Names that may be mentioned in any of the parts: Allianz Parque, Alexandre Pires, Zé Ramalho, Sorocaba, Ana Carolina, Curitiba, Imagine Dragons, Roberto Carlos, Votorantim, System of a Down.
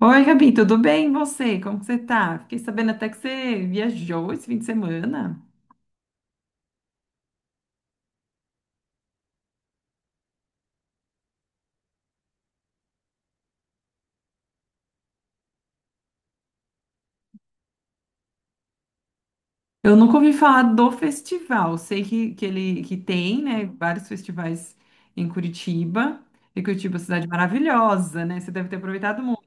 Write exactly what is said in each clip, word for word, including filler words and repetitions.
Oi, Gabi, tudo bem? E você? Como que você tá? Fiquei sabendo até que você viajou esse fim de semana. Eu nunca ouvi falar do festival. Sei que, que ele que tem, né, vários festivais em Curitiba. E Curitiba é uma cidade maravilhosa, né? Você deve ter aproveitado muito.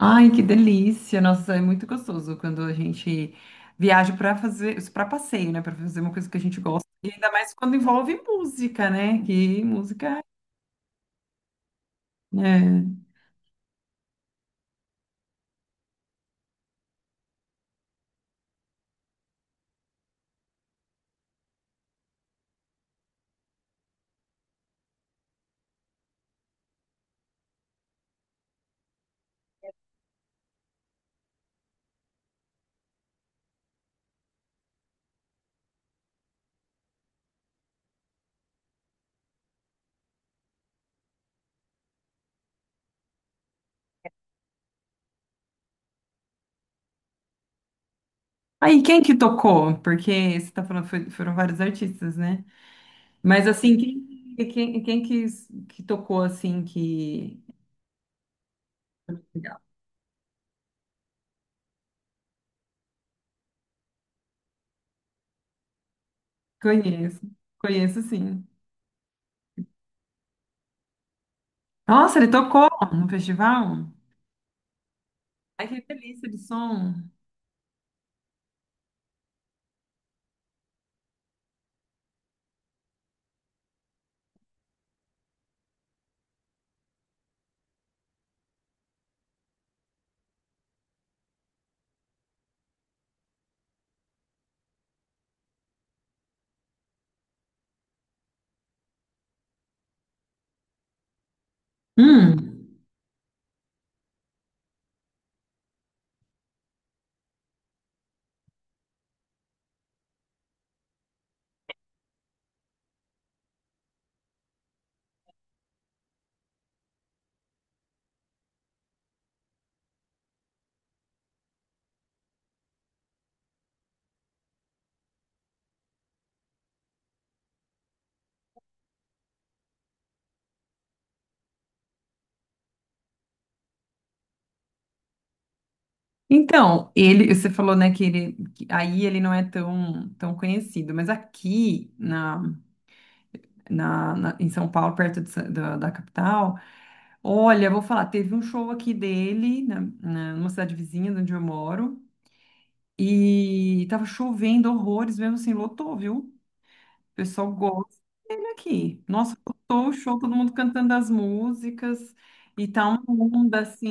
Ai, que delícia! Nossa, é muito gostoso quando a gente viaja para fazer, para passeio, né, para fazer uma coisa que a gente gosta. E ainda mais quando envolve música, né? Que música, né? Aí, quem que tocou? Porque você tá falando, foi- foram vários artistas, né? Mas assim, quem, quem, quem que, que tocou assim que. Legal. Conheço, conheço sim. Nossa, ele tocou no festival? Ai, que delícia de som. Hum. Então, ele, você falou, né, que ele, que aí ele não é tão, tão conhecido, mas aqui na, na, na- em São Paulo, perto de Sa- da da capital. Olha, vou falar, teve um show aqui dele, na, na- numa cidade vizinha de onde eu moro, e tava chovendo horrores, mesmo assim, lotou, viu? O pessoal gosta dele aqui. Nossa, lotou o show, todo mundo cantando as músicas, e tá uma onda, assim,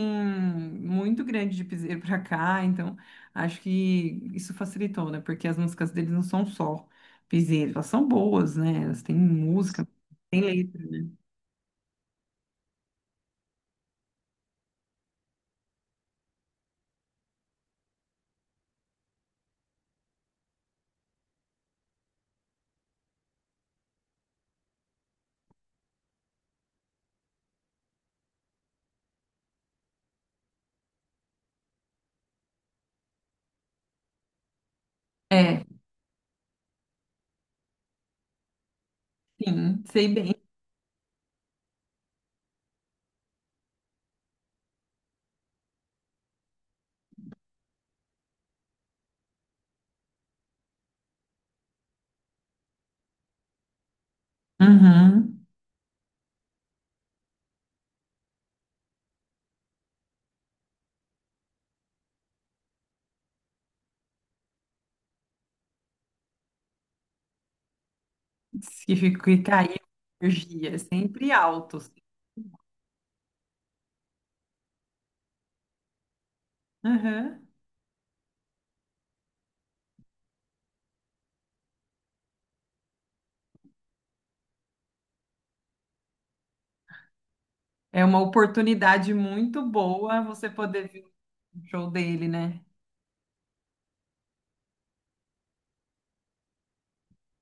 muito grande de piseiro pra cá, então acho que isso facilitou, né? Porque as músicas deles não são só piseiro, elas são boas, né? Elas têm música, têm letra, né? É, sim, sei bem. Uhum. Se ficar aí, energia, é sempre altos. Aham. É uma oportunidade muito boa você poder ver o show dele, né?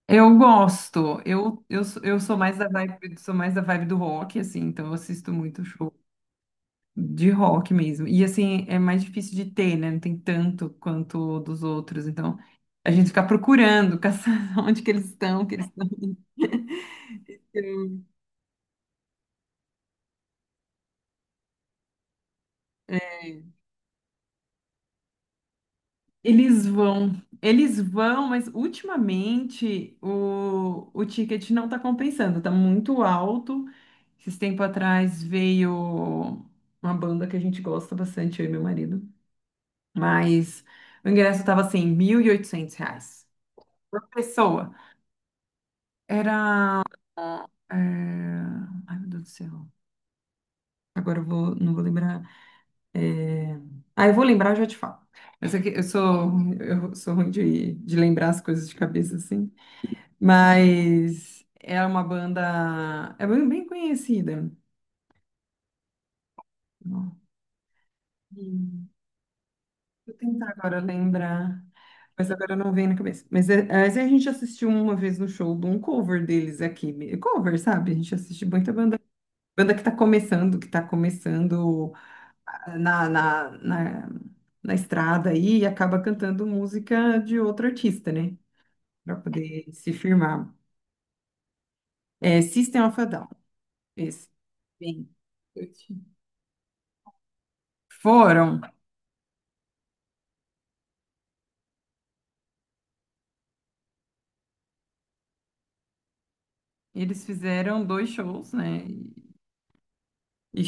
Eu gosto. Eu, eu, sou- eu sou mais da vibe, sou mais da vibe do rock, assim, então eu assisto muito show de rock mesmo. E assim, é mais difícil de ter, né? Não tem tanto quanto dos outros. Então, a gente fica procurando, caçando onde que eles estão, que eles estão. é, Eles vão, eles vão, mas ultimamente o, o ticket não está compensando, está muito alto. Esses tempo atrás veio uma banda que a gente gosta bastante, eu e meu marido, mas o ingresso estava assim, mil e oitocentos reais por pessoa. Era. é, Ai, meu Deus do céu. Agora eu vou, não vou lembrar. Ah, eu vou lembrar, eu já te falo. Mas é que eu sou, eu sou ruim de, de lembrar as coisas de cabeça assim. Mas é uma banda. É bem bem conhecida. Ó, hum, vou tentar agora lembrar. Mas agora não vem na cabeça. Mas, é, mas a gente assistiu uma vez no show de um cover deles aqui. Cover, sabe? A gente assiste muita banda. Banda que tá começando, que tá começando na, na, na, na estrada aí e acaba cantando música de outro artista, né? Pra poder se firmar. É System of a Down. Esse. Bem. Curti. Foram. E eles fizeram dois shows, né? E e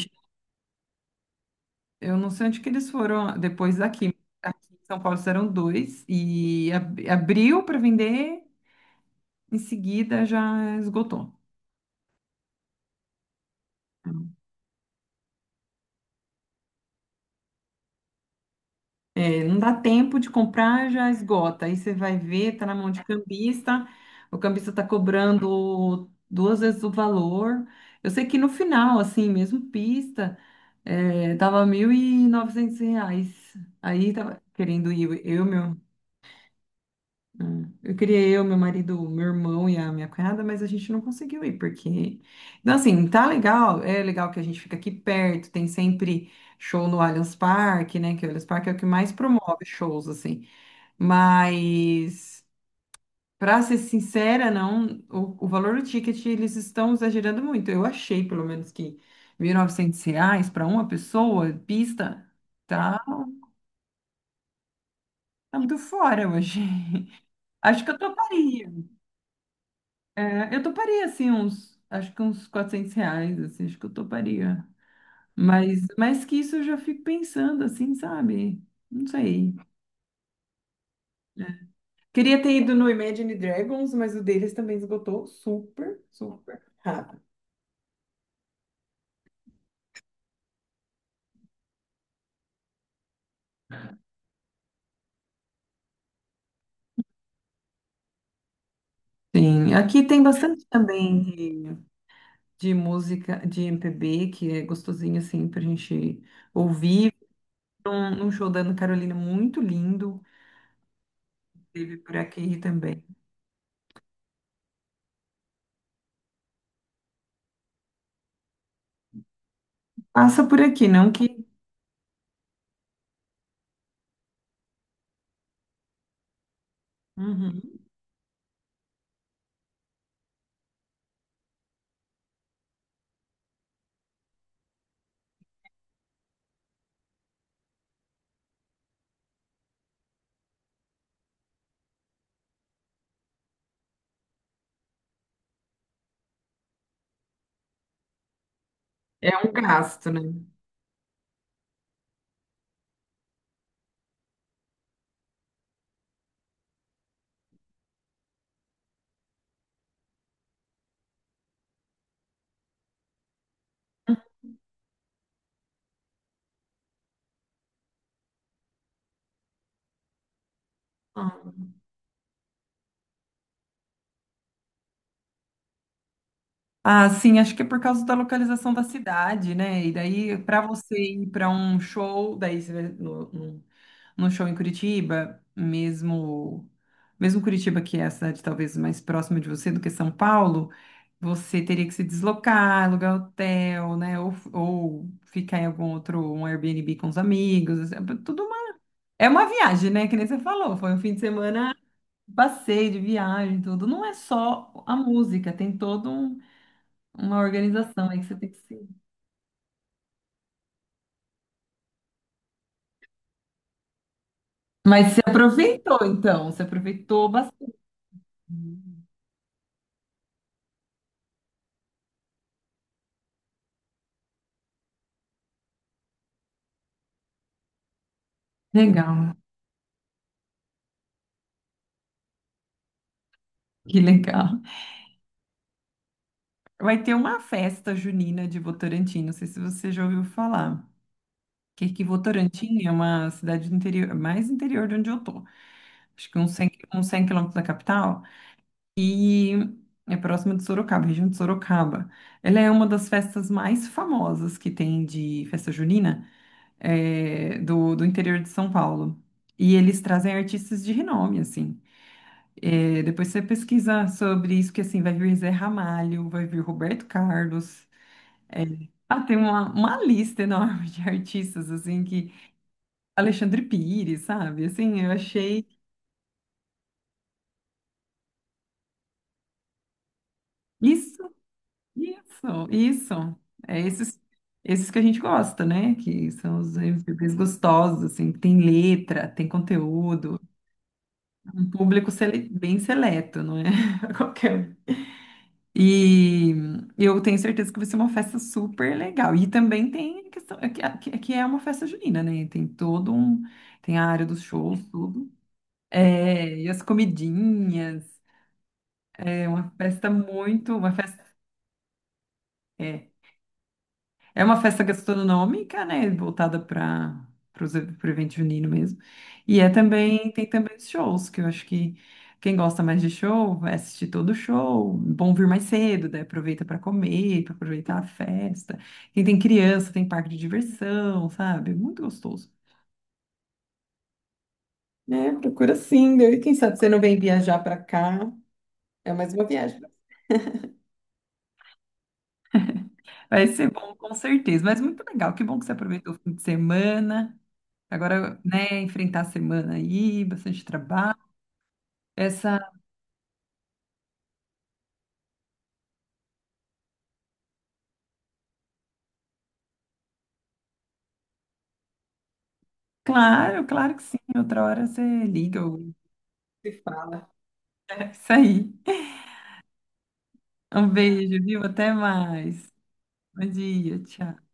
eu não sei onde que eles foram depois daqui. Aqui em São Paulo fizeram dois e ab- abriu para vender, em seguida já esgotou. É, não dá tempo de comprar, já esgota. Aí você vai ver, tá na mão de cambista, o cambista tá cobrando duas vezes o valor. Eu sei que no final, assim, mesmo pista, é, tava mil e novecentos reais. Aí tava querendo ir eu, meu É. Eu queria eu, meu marido, meu irmão e a minha cunhada, mas a gente não conseguiu ir, porque. Então, assim, tá legal, é legal que a gente fica aqui perto, tem sempre show no Allianz Parque, né? Que o Allianz Parque é o que mais promove shows, assim. Mas, pra ser sincera, não, o, o valor do ticket eles estão exagerando muito. Eu achei, pelo menos, que mil e novecentos reais para uma pessoa, pista, tá, tá muito fora hoje. Acho que eu toparia. É, eu toparia, assim, uns, acho que uns quatrocentos reais, assim, acho que eu toparia. Mas, mas que isso eu já fico pensando, assim, sabe? Não sei. Né? Queria ter ido no Imagine Dragons, mas o deles também esgotou super, super rápido. Sim, aqui tem bastante também de, de música de M P B, que é gostosinho, assim, pra gente ouvir. Um, um show da Ana Carolina muito lindo, teve por aqui também. Passa por aqui, não que... Uhum. É um gasto, né? Ah, ah, sim, acho que é por causa da localização da cidade, né? E daí, para você ir para um show, daí você vai no, no, no show em Curitiba, mesmo, mesmo Curitiba, que é a cidade talvez mais próxima de você do que São Paulo, você teria que se deslocar, alugar hotel, né? Ou, ou ficar em algum outro, um Airbnb com os amigos, assim, é tudo uma, é uma viagem, né? Que nem você falou, foi um fim de semana, passeio de viagem, tudo. Não é só a música, tem todo um uma organização aí que você tem que seguir. Mas você aproveitou, então. Você aproveitou bastante. Legal. Que legal. Vai ter uma festa junina de Votorantim. Não sei se você já ouviu falar. Que, que Votorantim é uma cidade do interior, mais interior de onde eu tô. Acho que uns cem, qui- uns cem quilômetros da capital. E é próxima de Sorocaba, região de Sorocaba. Ela é uma das festas mais famosas que tem de festa junina, eh, do, do interior de São Paulo. E eles trazem artistas de renome, assim. Eh, depois você pesquisa sobre isso, que assim, vai vir Zé Ramalho, vai vir Roberto Carlos. Eh, ah, tem uma, uma lista enorme de artistas, assim, que... Alexandre Pires, sabe? Assim, eu achei... Isso. Isso, isso. É esses, esses que a gente gosta, né? Que são os M V Ps gostosos, assim, que tem letra, tem conteúdo, um público sele- bem seleto, não é? Qualquer um. E eu tenho certeza que vai ser uma festa super legal. E também tem a questão, é que que- que é uma festa junina, né? Tem todo um, tem a área dos shows, tudo. É, e as comidinhas, é uma festa muito, uma festa. é, É uma festa gastronômica, né? Voltada para o evento junino mesmo. E é também, tem também os shows, que eu acho que quem gosta mais de show vai assistir todo o show. Bom vir mais cedo, daí aproveita para comer, para aproveitar a festa. Quem tem criança, tem parque de diversão, sabe? Muito gostoso. É, procura sim, daí quem sabe você não vem viajar para cá. É mais uma viagem. Vai ser bom, com certeza. Mas muito legal. Que bom que você aproveitou o fim de semana. Agora, né, enfrentar a semana aí, bastante trabalho. Essa, claro, claro que sim. Outra hora você liga ou se fala. É isso aí. Um beijo, viu? Até mais. Bom dia, tchau.